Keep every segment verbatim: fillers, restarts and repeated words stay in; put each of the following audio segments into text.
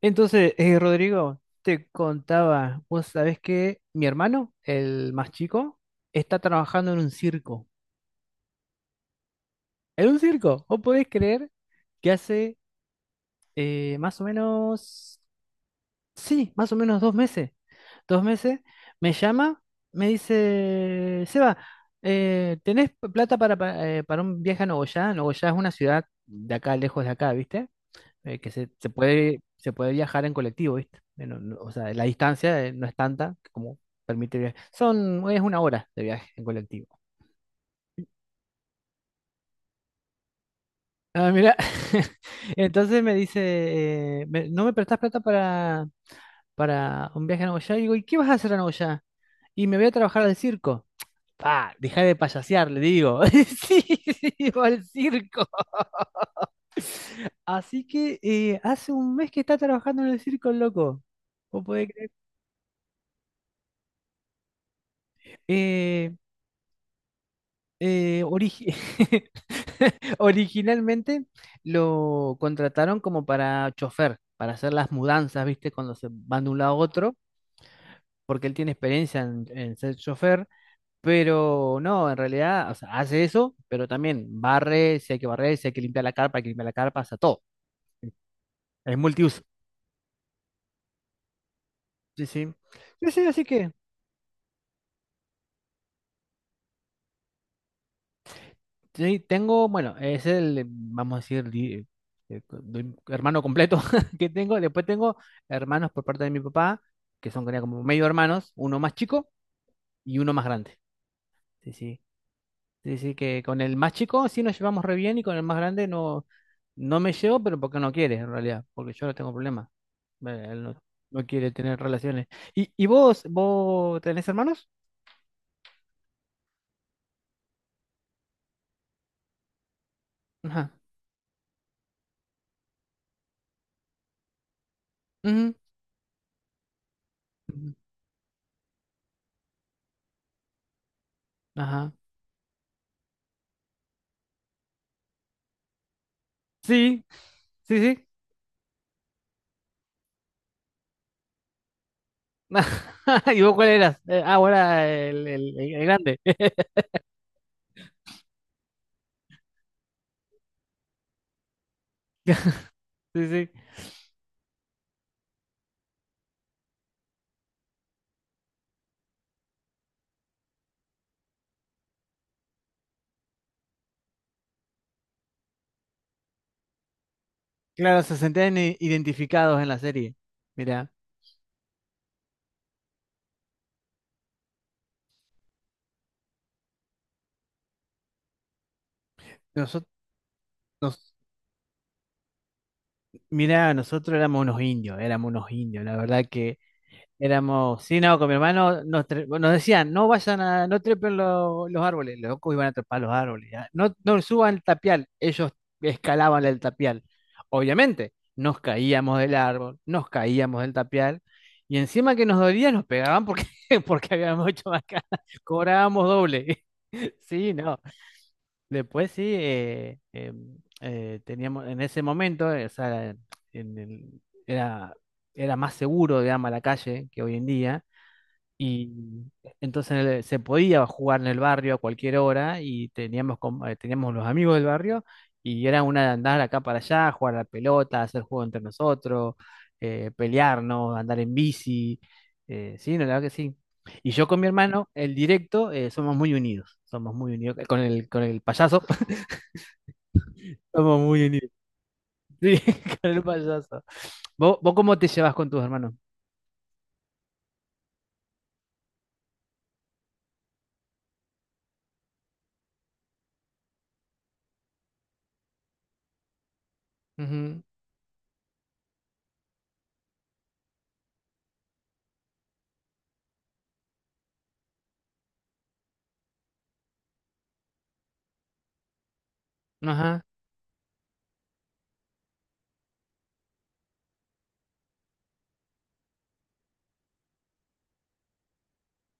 Entonces, eh, Rodrigo, te contaba, vos sabés que mi hermano, el más chico, está trabajando en un circo. En un circo, vos podés creer que hace eh, más o menos, sí, más o menos dos meses, dos meses, me llama, me dice, Seba, eh, ¿tenés plata para, pa- eh, para un viaje a Nogoyá? Nogoyá es una ciudad de acá, lejos de acá, ¿viste? Eh, que se, se puede, se puede viajar en colectivo, ¿viste? Eh, no- no- o sea, la distancia eh, no es tanta como permite viajar. Son, es una hora de viaje en colectivo. Ah, mira, entonces me dice, eh, me- ¿no me prestás plata para, para un viaje a Nagoya? Y digo, ¿y qué vas a hacer a Nagoya? Y me voy a trabajar al circo. Pa, deja de payasear, le digo. Sí, sí, va al circo. Así que eh, hace un mes que está trabajando en el circo, el loco. ¿Vos podés creer? Eh, Eh, origi- Originalmente lo contrataron como para chofer, para hacer las mudanzas, ¿viste? Cuando se van de un lado a otro, porque él tiene experiencia en, en ser chofer, pero no, en realidad, o sea, hace eso, pero también barre, si hay que barrer, si hay que limpiar la carpa, hay que limpiar la carpa, o sea, todo. Es multiuso. Sí, sí. Sí, sí, así que sí, tengo, bueno, es el, vamos a decir, di- eh, co- de- hermano completo que tengo. Después tengo hermanos por parte de mi papá, que son creo, como medio hermanos, uno más chico y uno más grande. Sí, sí. Sí, sí, que con el más chico sí nos llevamos re bien y con el más grande no, no me llevo, pero porque no quiere en realidad, porque yo no tengo problema. Eh, Él no, no quiere tener relaciones. ¿Y, y vos, vos tenés hermanos? Ajá. Ujú. Ujú. Ajá. Sí, sí, sí. ¿Y vos cuál eras? Eh, ah, vos eras el, el- el- grande. Sí, sí. Claro, se sentían i- identificados en la serie. Mira, nosotros, mira, nosotros éramos unos indios, éramos unos indios. La verdad que éramos, sí, no, con mi hermano nos, tre- nos decían, no vayan a, no trepen lo- los árboles, los locos iban a trepar los árboles, ya. No, no suban el tapial, ellos escalaban el tapial. Obviamente, nos caíamos del árbol, nos caíamos del tapial, y encima que nos dolía, nos pegaban porque, porque habíamos hecho bacana, cobrábamos doble. Sí, no. Después sí, eh, em, eh, teníamos, en ese momento, eh, o sea, en el- era, era más seguro, digamos, a la calle que hoy en día. Y entonces en el- se podía jugar en el barrio a cualquier hora y teníamos, com- eh, teníamos los amigos del barrio y era una de andar acá para allá, jugar a la pelota, hacer juego entre nosotros, eh, pelearnos, andar en bici. Eh, sí, no, la verdad que sí. Y yo con mi hermano, el directo, eh, somos muy unidos. Somos muy unidos. Con el, con el payaso, somos muy unidos. Sí, con el payaso. ¿Vos, vos cómo te llevas con tus hermanos? Ujú, ajá.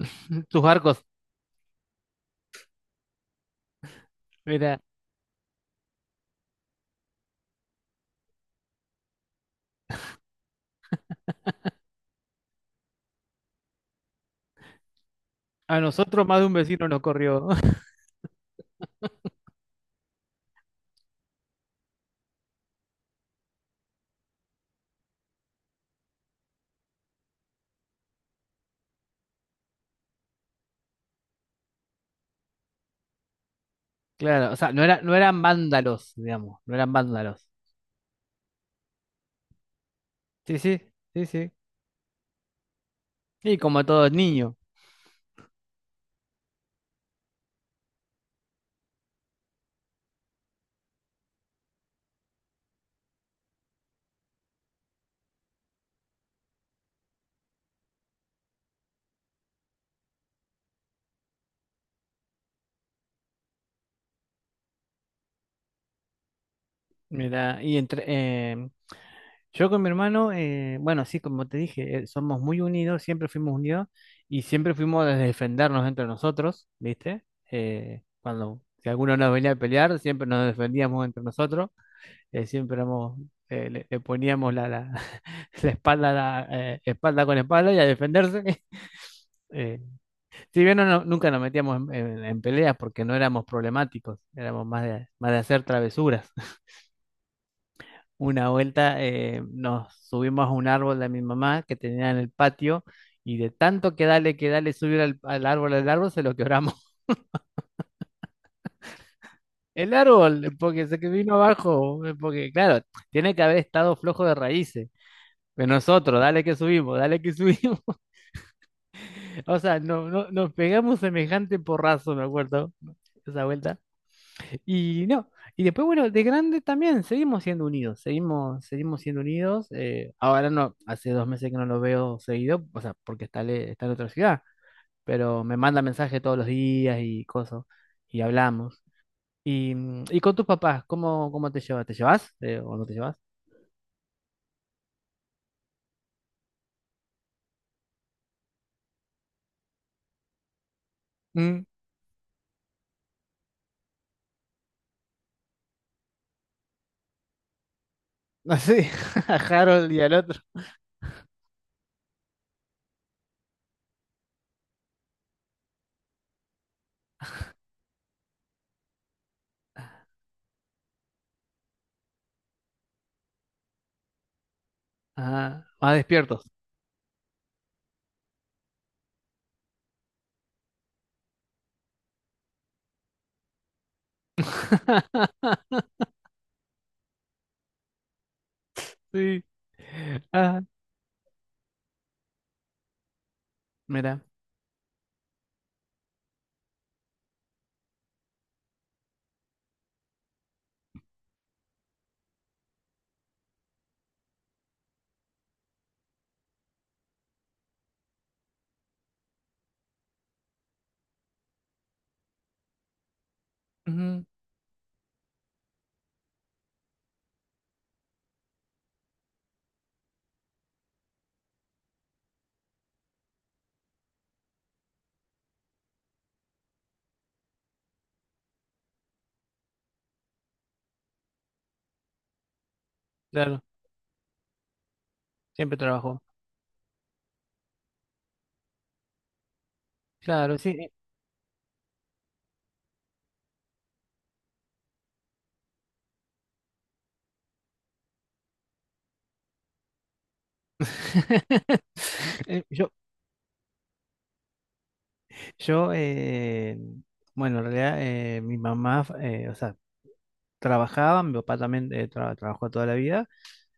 Tus arcos. A nosotros más de un vecino nos corrió. Claro, o sea, no era, no eran vándalos, digamos, no eran vándalos. Sí, sí, sí, sí. Y como todos niños, mira, y entre eh, yo con mi hermano, eh, bueno, sí, como te dije, eh, somos muy unidos, siempre fuimos unidos y siempre fuimos a defendernos entre nosotros, ¿viste? Eh, cuando si alguno nos venía a pelear, siempre nos defendíamos entre nosotros, eh, siempre éramos, eh, le, le poníamos la, la, la espalda, a la, eh, espalda con espalda y a defenderse. Eh, Si bien no, no- nunca nos metíamos en, en- en peleas porque no éramos problemáticos, éramos más de, más de, hacer travesuras. Una vuelta eh, nos subimos a un árbol de mi mamá que tenía en el patio y de tanto que dale, que dale, subir al, al árbol, al árbol, se lo quebramos. El árbol, porque se que vino abajo, eh, porque claro, tiene que haber estado flojo de raíces. Pero nosotros, dale que subimos, dale que subimos. O sea, no, no, nos pegamos semejante porrazo, me acuerdo, esa vuelta. Y no, y después, bueno, de grande también seguimos siendo unidos, seguimos, seguimos siendo unidos. Eh, ahora no, hace dos meses que no lo veo seguido, o sea, porque está, le- está en otra ciudad, pero me manda mensajes todos los días y cosas, y hablamos. Y, mm, y con tus papás, ¿cómo, cómo te llevas? ¿Te llevas eh, o no te llevas? Mm, así, a Harold y al otro. Ah, más despiertos. Sí. Ah, mira. Ujú, claro, siempre trabajó. Claro, sí. Eh, Yo, yo eh, Bueno, en realidad eh, mi mamá, eh, o sea, trabajaba, mi papá también eh, tra- trabajó toda la vida.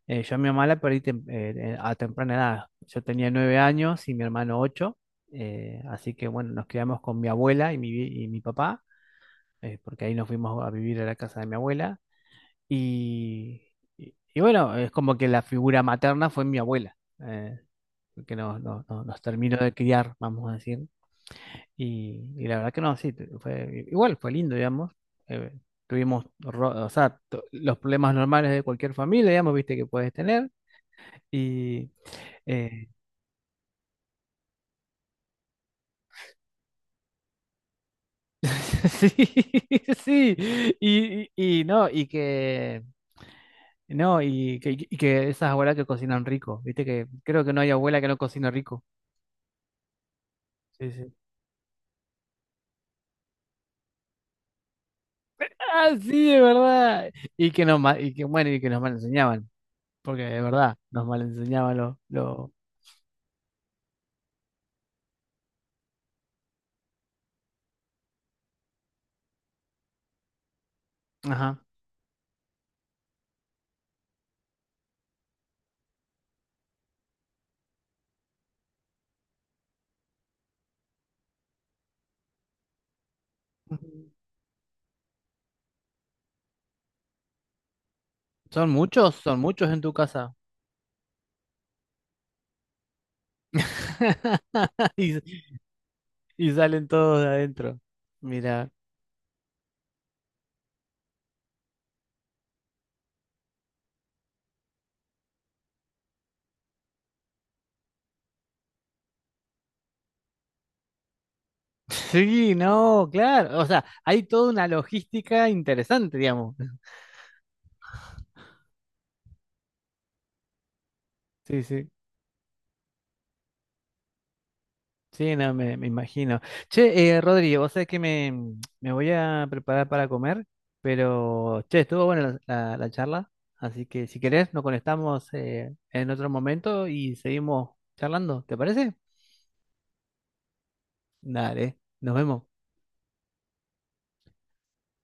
Eh, yo a mi mamá la perdí tem- eh, eh, a temprana edad. Yo tenía nueve años y mi hermano ocho. Eh, así que bueno, nos quedamos con mi abuela y mi, vi- y mi papá, eh, porque ahí nos fuimos a vivir a la casa de mi abuela. Y, y, y bueno, es como que la figura materna fue mi abuela, eh, que nos, nos, nos nos terminó de criar, vamos a decir. Y, y la verdad que no, sí, tu- fue, igual fue lindo, digamos. Eh, tuvimos, ro- o sea, to- los problemas normales de cualquier familia, digamos, viste que puedes tener. Y eh, sí, sí, y, y, y no, y que, no, y que, y que esas abuelas que cocinan rico, viste que creo que no hay abuela que no cocina rico. Sí, sí. Ah, sí, es verdad. Y que nos, ma- y que, bueno, y que nos mal enseñaban, porque de verdad, nos mal enseñaban los, los, ajá. Son muchos, son muchos en tu casa. Y, y salen todos de adentro. Mira. Sí, no, claro. O sea, hay toda una logística interesante, digamos. Sí, sí. Sí, no, me, me imagino. Che, eh, Rodri, vos sabés que me, me voy a preparar para comer, pero, che, estuvo buena la, la- la charla. Así que si querés, nos conectamos eh, en otro momento y seguimos charlando. ¿Te parece? Dale, nos vemos.